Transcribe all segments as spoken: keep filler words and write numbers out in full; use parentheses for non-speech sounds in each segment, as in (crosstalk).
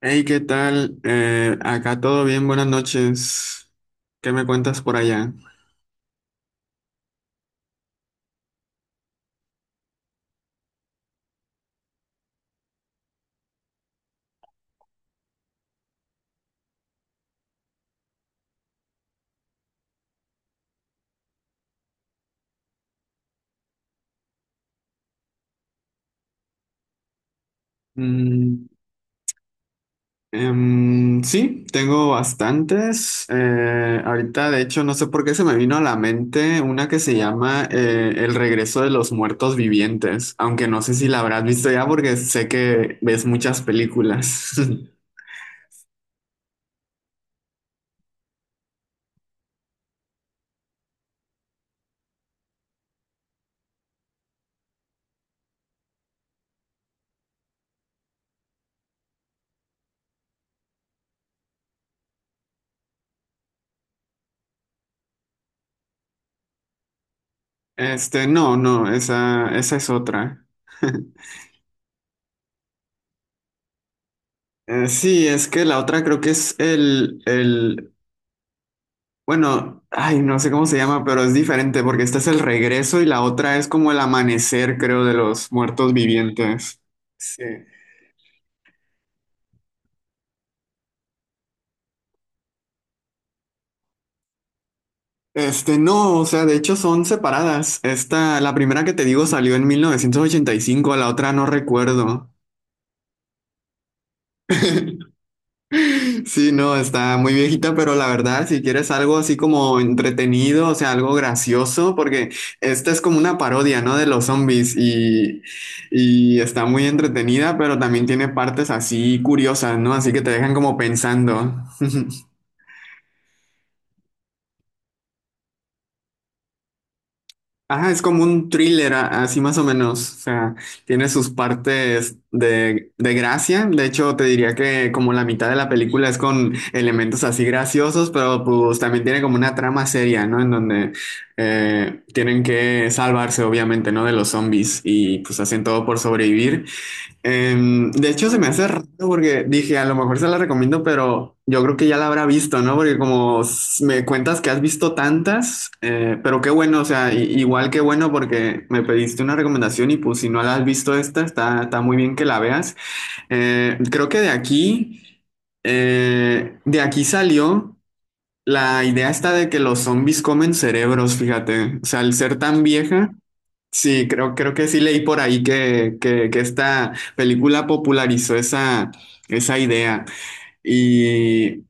Hey, ¿qué tal? Eh, acá todo bien, buenas noches. ¿Qué me cuentas por allá? Mm, em, sí, tengo bastantes. Eh, ahorita, de hecho, no sé por qué se me vino a la mente una que se llama eh, El regreso de los muertos vivientes, aunque no sé si la habrás visto ya porque sé que ves muchas películas. (laughs) Este, no, no, esa, esa es otra. (laughs) Eh, sí, es que la otra creo que es el, el bueno, ay, no sé cómo se llama, pero es diferente porque esta es el regreso y la otra es como el amanecer, creo, de los muertos vivientes. Sí. Este, no, o sea, de hecho son separadas. Esta, la primera que te digo, salió en mil novecientos ochenta y cinco, la otra no recuerdo. (laughs) Sí, no, está muy viejita, pero la verdad, si quieres algo así como entretenido, o sea, algo gracioso, porque esta es como una parodia, ¿no? De los zombies, y, y está muy entretenida, pero también tiene partes así curiosas, ¿no? Así que te dejan como pensando. Ajá, es como un thriller, a- así más o menos. O sea, tiene sus partes de, de gracia. De hecho, te diría que como la mitad de la película es con elementos así graciosos, pero pues también tiene como una trama seria, ¿no? En donde eh, tienen que salvarse, obviamente, ¿no? De los zombies, y pues hacen todo por sobrevivir. Em, de hecho, se me hace raro porque dije, a lo mejor se la recomiendo, pero yo creo que ya la habrá visto, ¿no? Porque como s- me cuentas que has visto tantas, eh, pero qué bueno, o sea, i- igual qué bueno, porque me pediste una recomendación y pues, si no la has visto, esta, está, está muy bien que la veas. Eh, creo que de aquí, eh, de aquí salió la idea esta de que los zombies comen cerebros, fíjate, o sea, al ser tan vieja. Sí, creo, creo que sí leí por ahí que, que- que esta película popularizó esa, esa idea. Y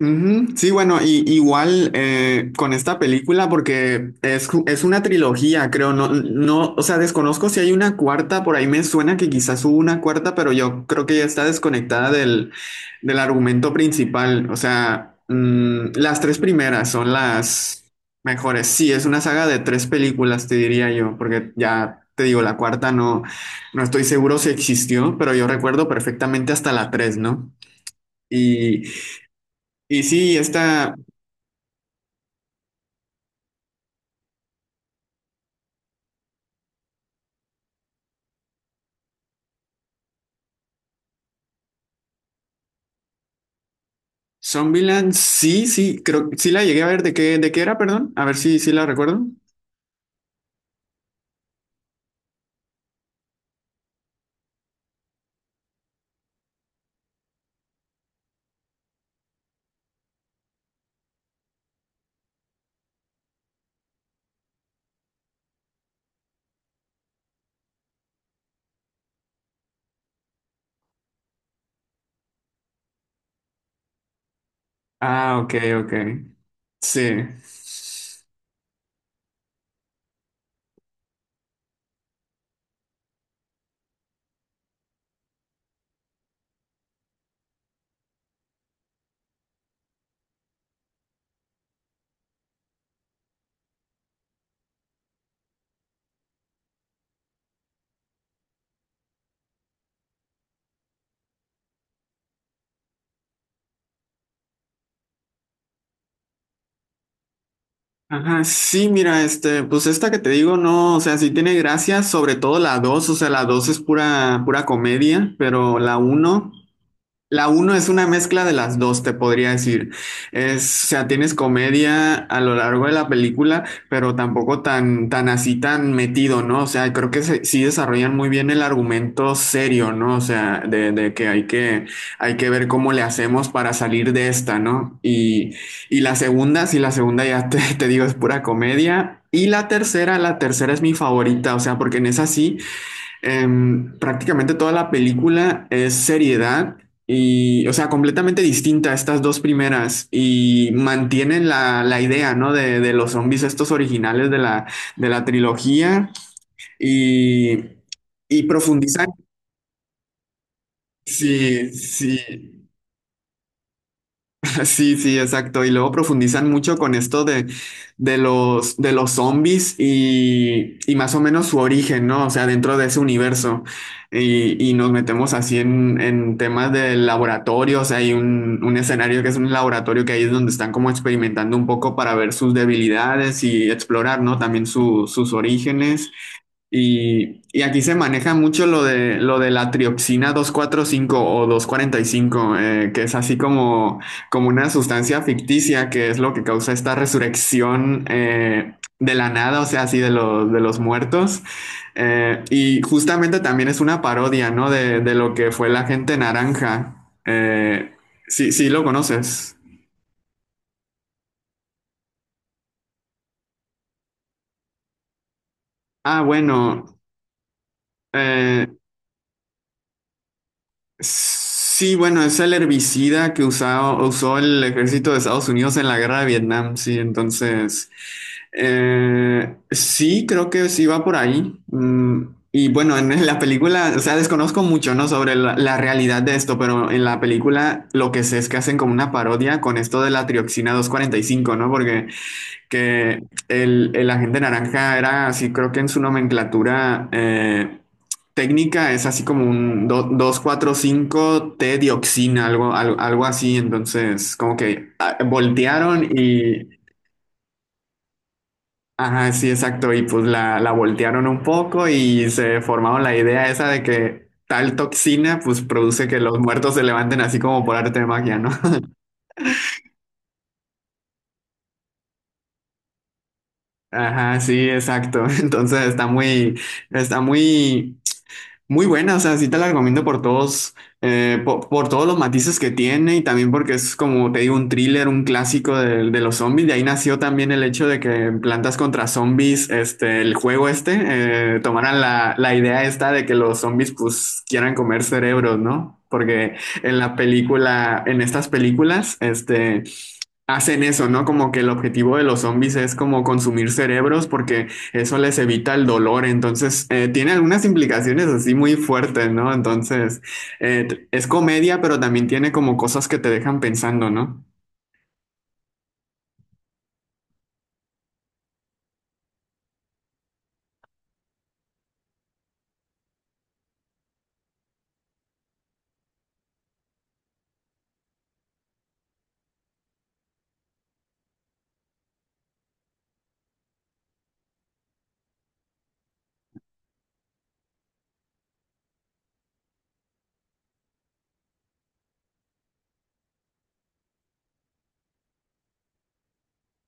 ujú. Sí, bueno, y, igual, eh, con esta película, porque es, ju- es una trilogía, creo, no, no, o sea, desconozco si hay una cuarta, por ahí me suena que quizás hubo una cuarta, pero yo creo que ya está desconectada del, del argumento principal, o sea, mm, las tres primeras son las mejores, sí, es una saga de tres películas, te diría yo, porque ya te digo, la cuarta no, no estoy seguro si existió, pero yo recuerdo perfectamente hasta la tres, ¿no? Y... Y sí, esta, Zombieland, sí, sí, creo sí la llegué a ver. ¿De qué, de qué era, perdón? A ver si, si la recuerdo. Ah, ok, ok. Sí. Ajá, sí, mira, este, pues esta que te digo, no, o sea, sí tiene gracia, sobre todo la dos, o sea, la dos es pura, pura comedia, pero la uno La uno es una mezcla de las dos, te podría decir. Es, o sea, tienes comedia a lo largo de la película, pero tampoco tan, tan así, tan metido, ¿no? O sea, creo que se- sí desarrollan muy bien el argumento serio, ¿no? O sea, de, de que hay que, hay que ver cómo le hacemos para salir de esta, ¿no? Y, y la segunda, sí, la segunda ya te, (laughs) te digo, es pura comedia. Y la tercera, la tercera es mi favorita, o sea, porque en esa sí. Em, prácticamente toda la película es seriedad y, o sea, completamente distinta a estas dos primeras, y mantienen la, la idea, ¿no? De, de los zombies estos originales de la, de la trilogía, y, y profundizan. Sí, sí. (laughs) Sí, sí, exacto. Y luego profundizan mucho con esto de, de los, de los zombies, y, y más o menos su origen, ¿no? O sea, dentro de ese universo. Y, y nos metemos así en, en temas de laboratorio. O sea, hay un, un escenario que es un laboratorio, que ahí es donde están como experimentando un poco para ver sus debilidades y explorar, ¿no? También su- sus orígenes. Y, y aquí se maneja mucho lo de, lo de la trioxina doscientos cuarenta y cinco o doscientos cuarenta y cinco, eh, que es así como, como una sustancia ficticia, que es lo que causa esta resurrección, eh, de la nada, o sea, así de los, de los muertos. Eh, y justamente también es una parodia, ¿no? De, de lo que fue la gente naranja. Eh, sí, sí, lo conoces. Ah, bueno. Eh, Sí, bueno, es el herbicida que usaba- usó el ejército de Estados Unidos en la guerra de Vietnam, sí, entonces, eh, sí, creo que sí va por ahí. Mm, y bueno, en la película, o sea, desconozco mucho, ¿no? Sobre la, la realidad de esto, pero en la película lo que sé es que hacen como una parodia con esto de la trioxina doscientos cuarenta y cinco, ¿no? Porque que el, el agente naranja era así, creo que en su nomenclatura, eh, técnica, es así como un dos cuatro cinco t dioxina algo, al- algo así. Entonces, como que ah, voltearon y, ajá, sí, exacto. Y pues la, la voltearon un poco y se formaron la idea esa de que tal toxina pues produce que los muertos se levanten así como por arte de magia, ¿no? (laughs) Ajá, sí, exacto. (laughs) Entonces está muy, está muy Muy buena, o sea, sí te la recomiendo por todos, eh, po- por todos los matices que tiene, y también porque es, como te digo, un thriller, un clásico de, de los zombies. De ahí nació también el hecho de que en Plantas contra Zombies, este, el juego este, eh, tomaran la, la idea esta de que los zombies pues quieran comer cerebros, ¿no? Porque en la película, en estas películas, este... Hacen eso, ¿no? Como que el objetivo de los zombies es como consumir cerebros, porque eso les evita el dolor. Entonces, eh, tiene algunas implicaciones así muy fuertes, ¿no? Entonces, eh, t- es comedia, pero también tiene como cosas que te dejan pensando, ¿no?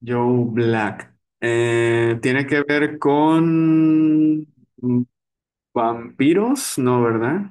Joe Black. Eh, tiene que ver con vampiros, ¿no? ¿Verdad?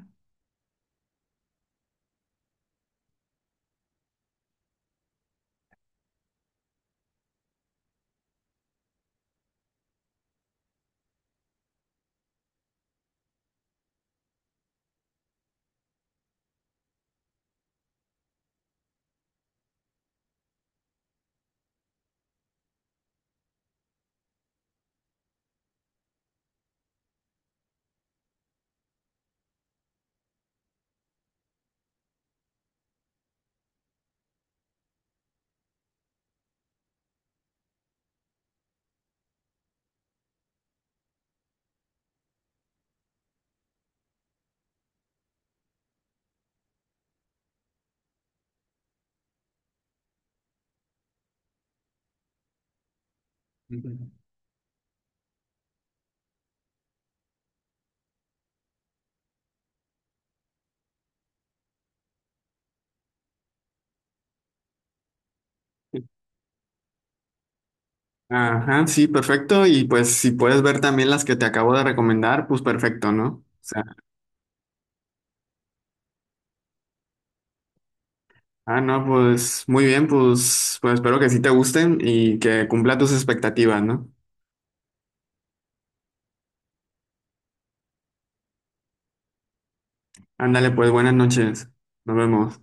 Ujú. Ajá, sí, perfecto. Y pues, si puedes ver también las que te acabo de recomendar, pues perfecto, ¿no? Ah, no, pues muy bien, pues, pues espero que sí te gusten y que cumpla tus expectativas, ¿no? Ándale, pues buenas noches. Nos vemos.